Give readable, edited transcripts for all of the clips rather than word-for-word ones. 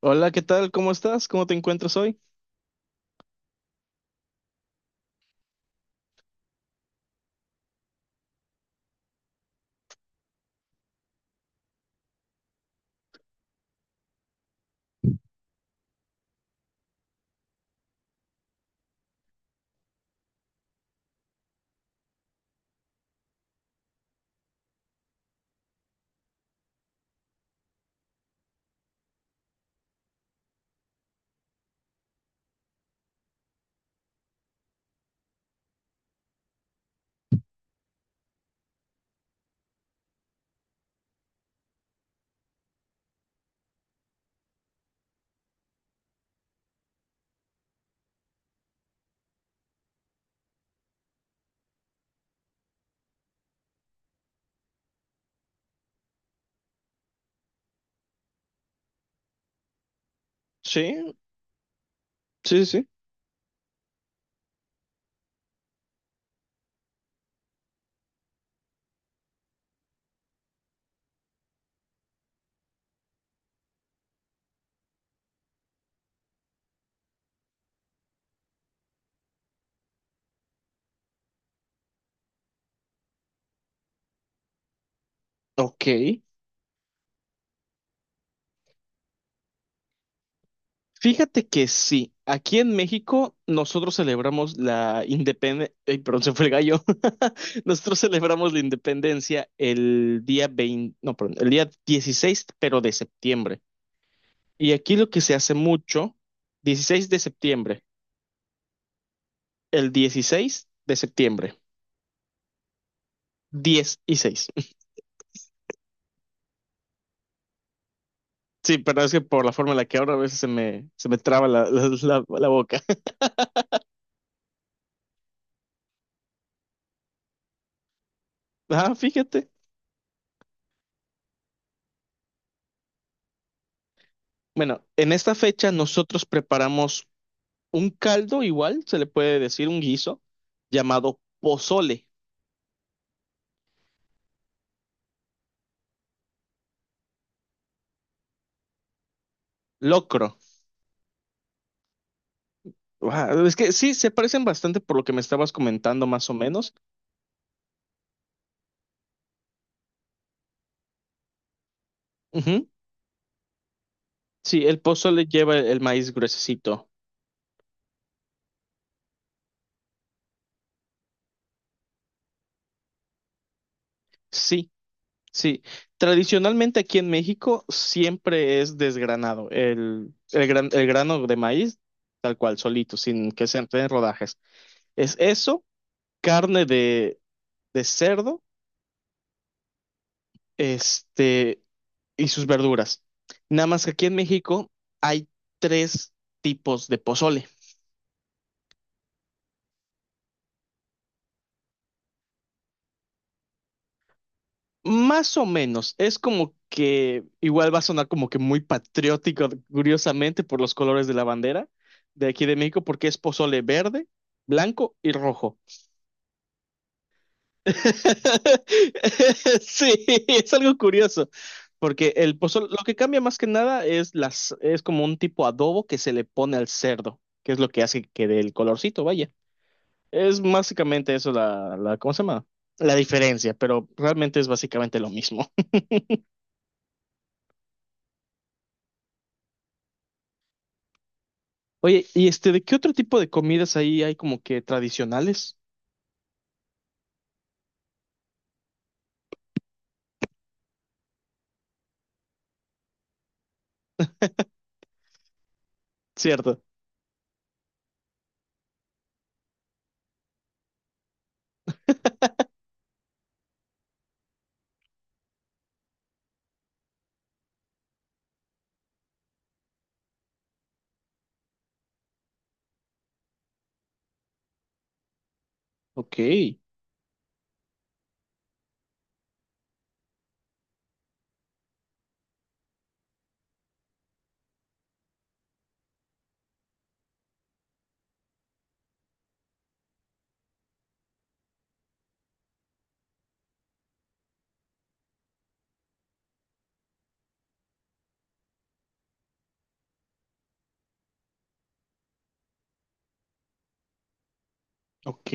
Hola, ¿qué tal? ¿Cómo estás? ¿Cómo te encuentras hoy? Sí, sí, sí. Sí. Ok. Fíjate que sí, aquí en México nosotros celebramos la independencia, perdón, se fue el gallo. Nosotros celebramos la independencia el día 20. No, perdón, el día 16, pero de septiembre. Y aquí lo que se hace mucho, 16 de septiembre, el dieciséis de septiembre, 10 y 6. Sí, pero es que por la forma en la que ahora a veces se me traba la boca. Ah, fíjate. Bueno, en esta fecha nosotros preparamos un caldo igual, se le puede decir un guiso, llamado pozole, locro. Guau, es que sí, se parecen bastante por lo que me estabas comentando más o menos. Ujú. Sí, el pozole lleva el maíz gruesecito. Sí, sí. Tradicionalmente aquí en México siempre es desgranado, el grano de maíz tal cual, solito, sin que se en rodajes. Es eso, carne de cerdo este, y sus verduras. Nada más que aquí en México hay tres tipos de pozole. Más o menos, es como que igual va a sonar como que muy patriótico, curiosamente, por los colores de la bandera de aquí de México, porque es pozole verde, blanco y rojo. Sí, es algo curioso, porque el pozole, lo que cambia más que nada es las, es como un tipo adobo que se le pone al cerdo, que es lo que hace que dé el colorcito, vaya. Es básicamente eso ¿cómo se llama? La diferencia, pero realmente es básicamente lo mismo. Oye, ¿y este de qué otro tipo de comidas ahí hay como que tradicionales? Cierto. Ok, ok.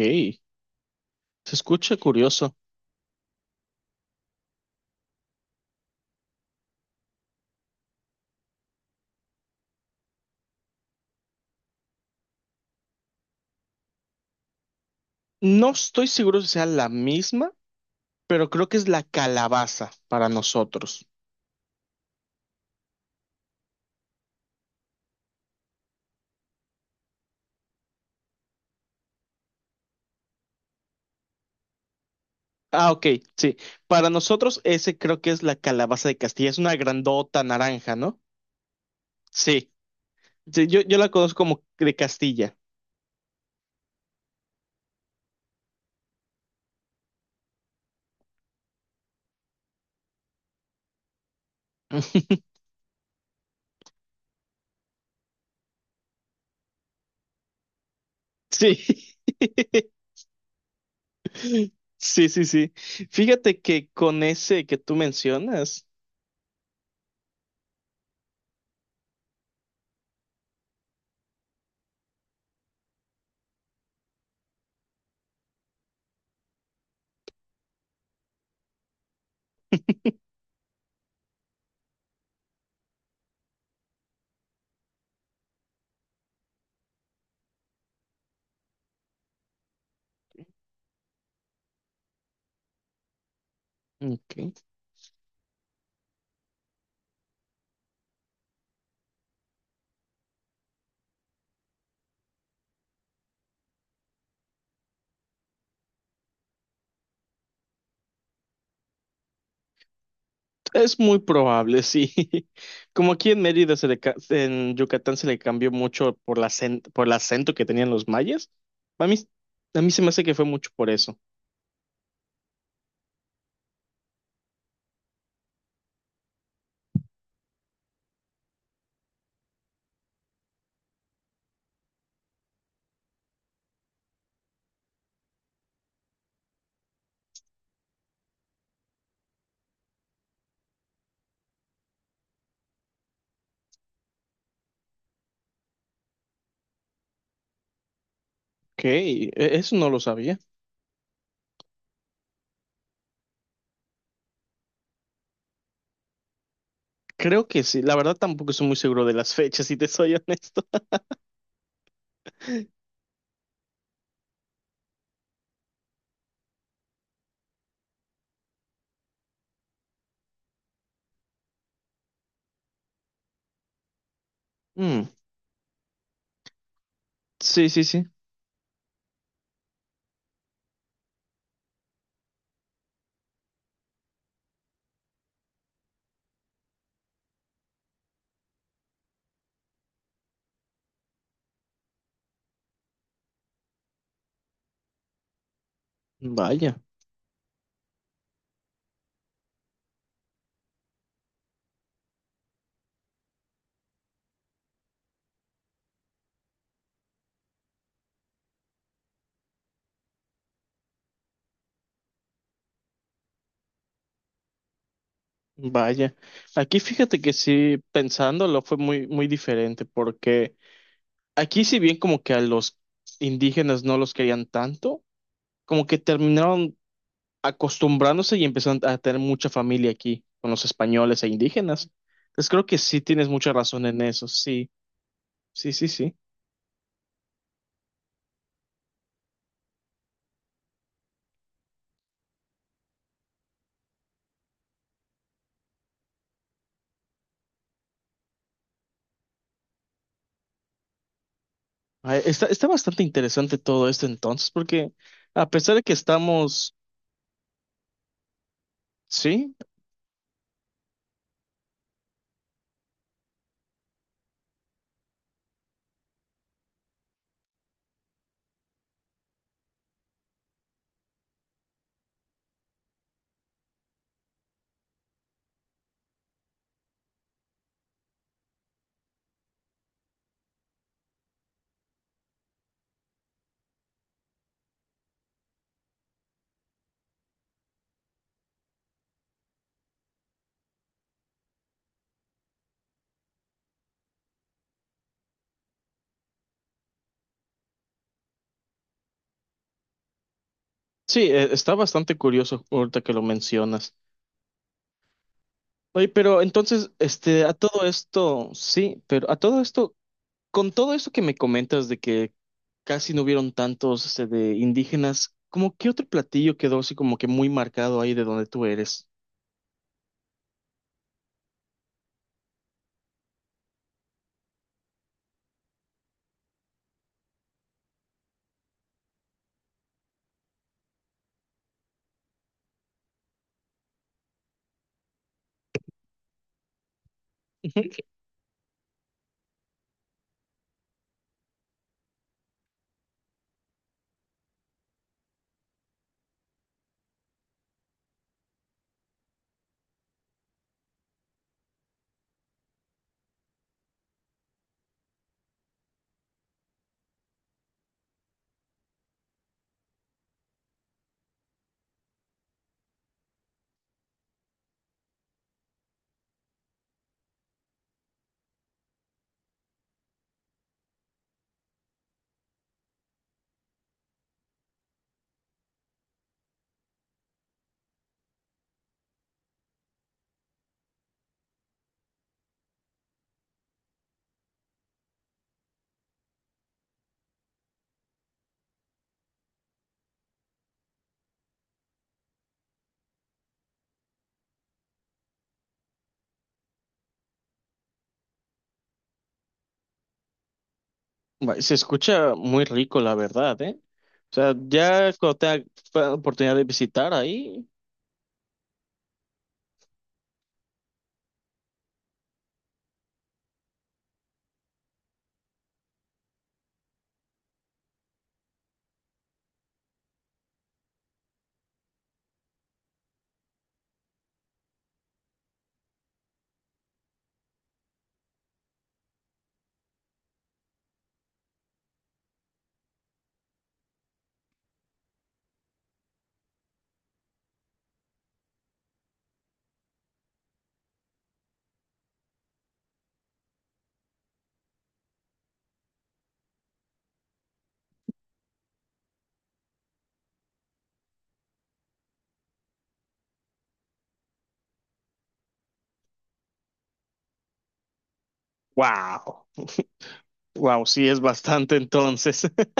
Se escucha curioso. No estoy seguro si sea la misma, pero creo que es la calabaza para nosotros. Ah, ok, sí. Para nosotros ese creo que es la calabaza de Castilla. Es una grandota naranja, ¿no? Sí. Sí, yo la conozco como de Castilla. Sí. Sí, sí, sí. Fíjate que con ese que tú mencionas, ok, es muy probable, sí. Como aquí en Mérida, se le ca- en Yucatán se le cambió mucho por la acen- por el acento que tenían los mayas. A mí, a mí se me hace que fue mucho por eso. Ok, e- eso no lo sabía. Creo que sí. La verdad tampoco estoy muy seguro de las fechas, si te soy honesto. Mm, sí, sí, sí. Vaya, vaya. Aquí fíjate que sí, pensándolo fue muy, muy diferente porque... Aquí, si bien como que a los indígenas no los querían tanto, como que terminaron acostumbrándose y empezaron a tener mucha familia aquí con los españoles e indígenas. Entonces creo que sí tienes mucha razón en eso, sí, sí, sí, sí. Ah, está, está bastante interesante todo esto entonces, porque a pesar de que estamos, sí, sí, está bastante curioso ahorita que lo mencionas. Oye, pero entonces, este, a todo esto, sí, pero a todo esto... Con todo eso que me comentas de que casi no hubieron tantos este, de indígenas, ¿cómo qué otro platillo quedó así como que muy marcado ahí de donde tú eres? Va, se escucha muy rico, la verdad, ¿eh? O sea, ya cuando tenga fa- oportunidad de visitar ahí, wow, wow, sí es bastante entonces.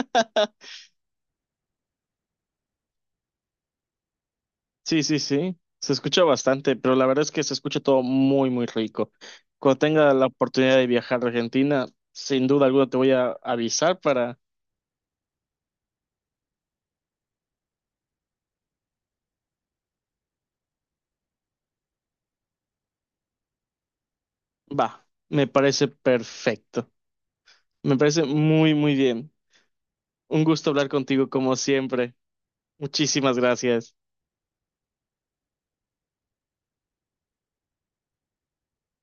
Sí, sí, sí, se escucha bastante, pero la verdad es que se escucha todo muy, muy rico. Cuando tenga la oportunidad de viajar a Argentina, sin duda alguna te voy a avisar para... Va, me parece perfecto. Me parece muy, muy bien. Un gusto hablar contigo como siempre. Muchísimas gracias.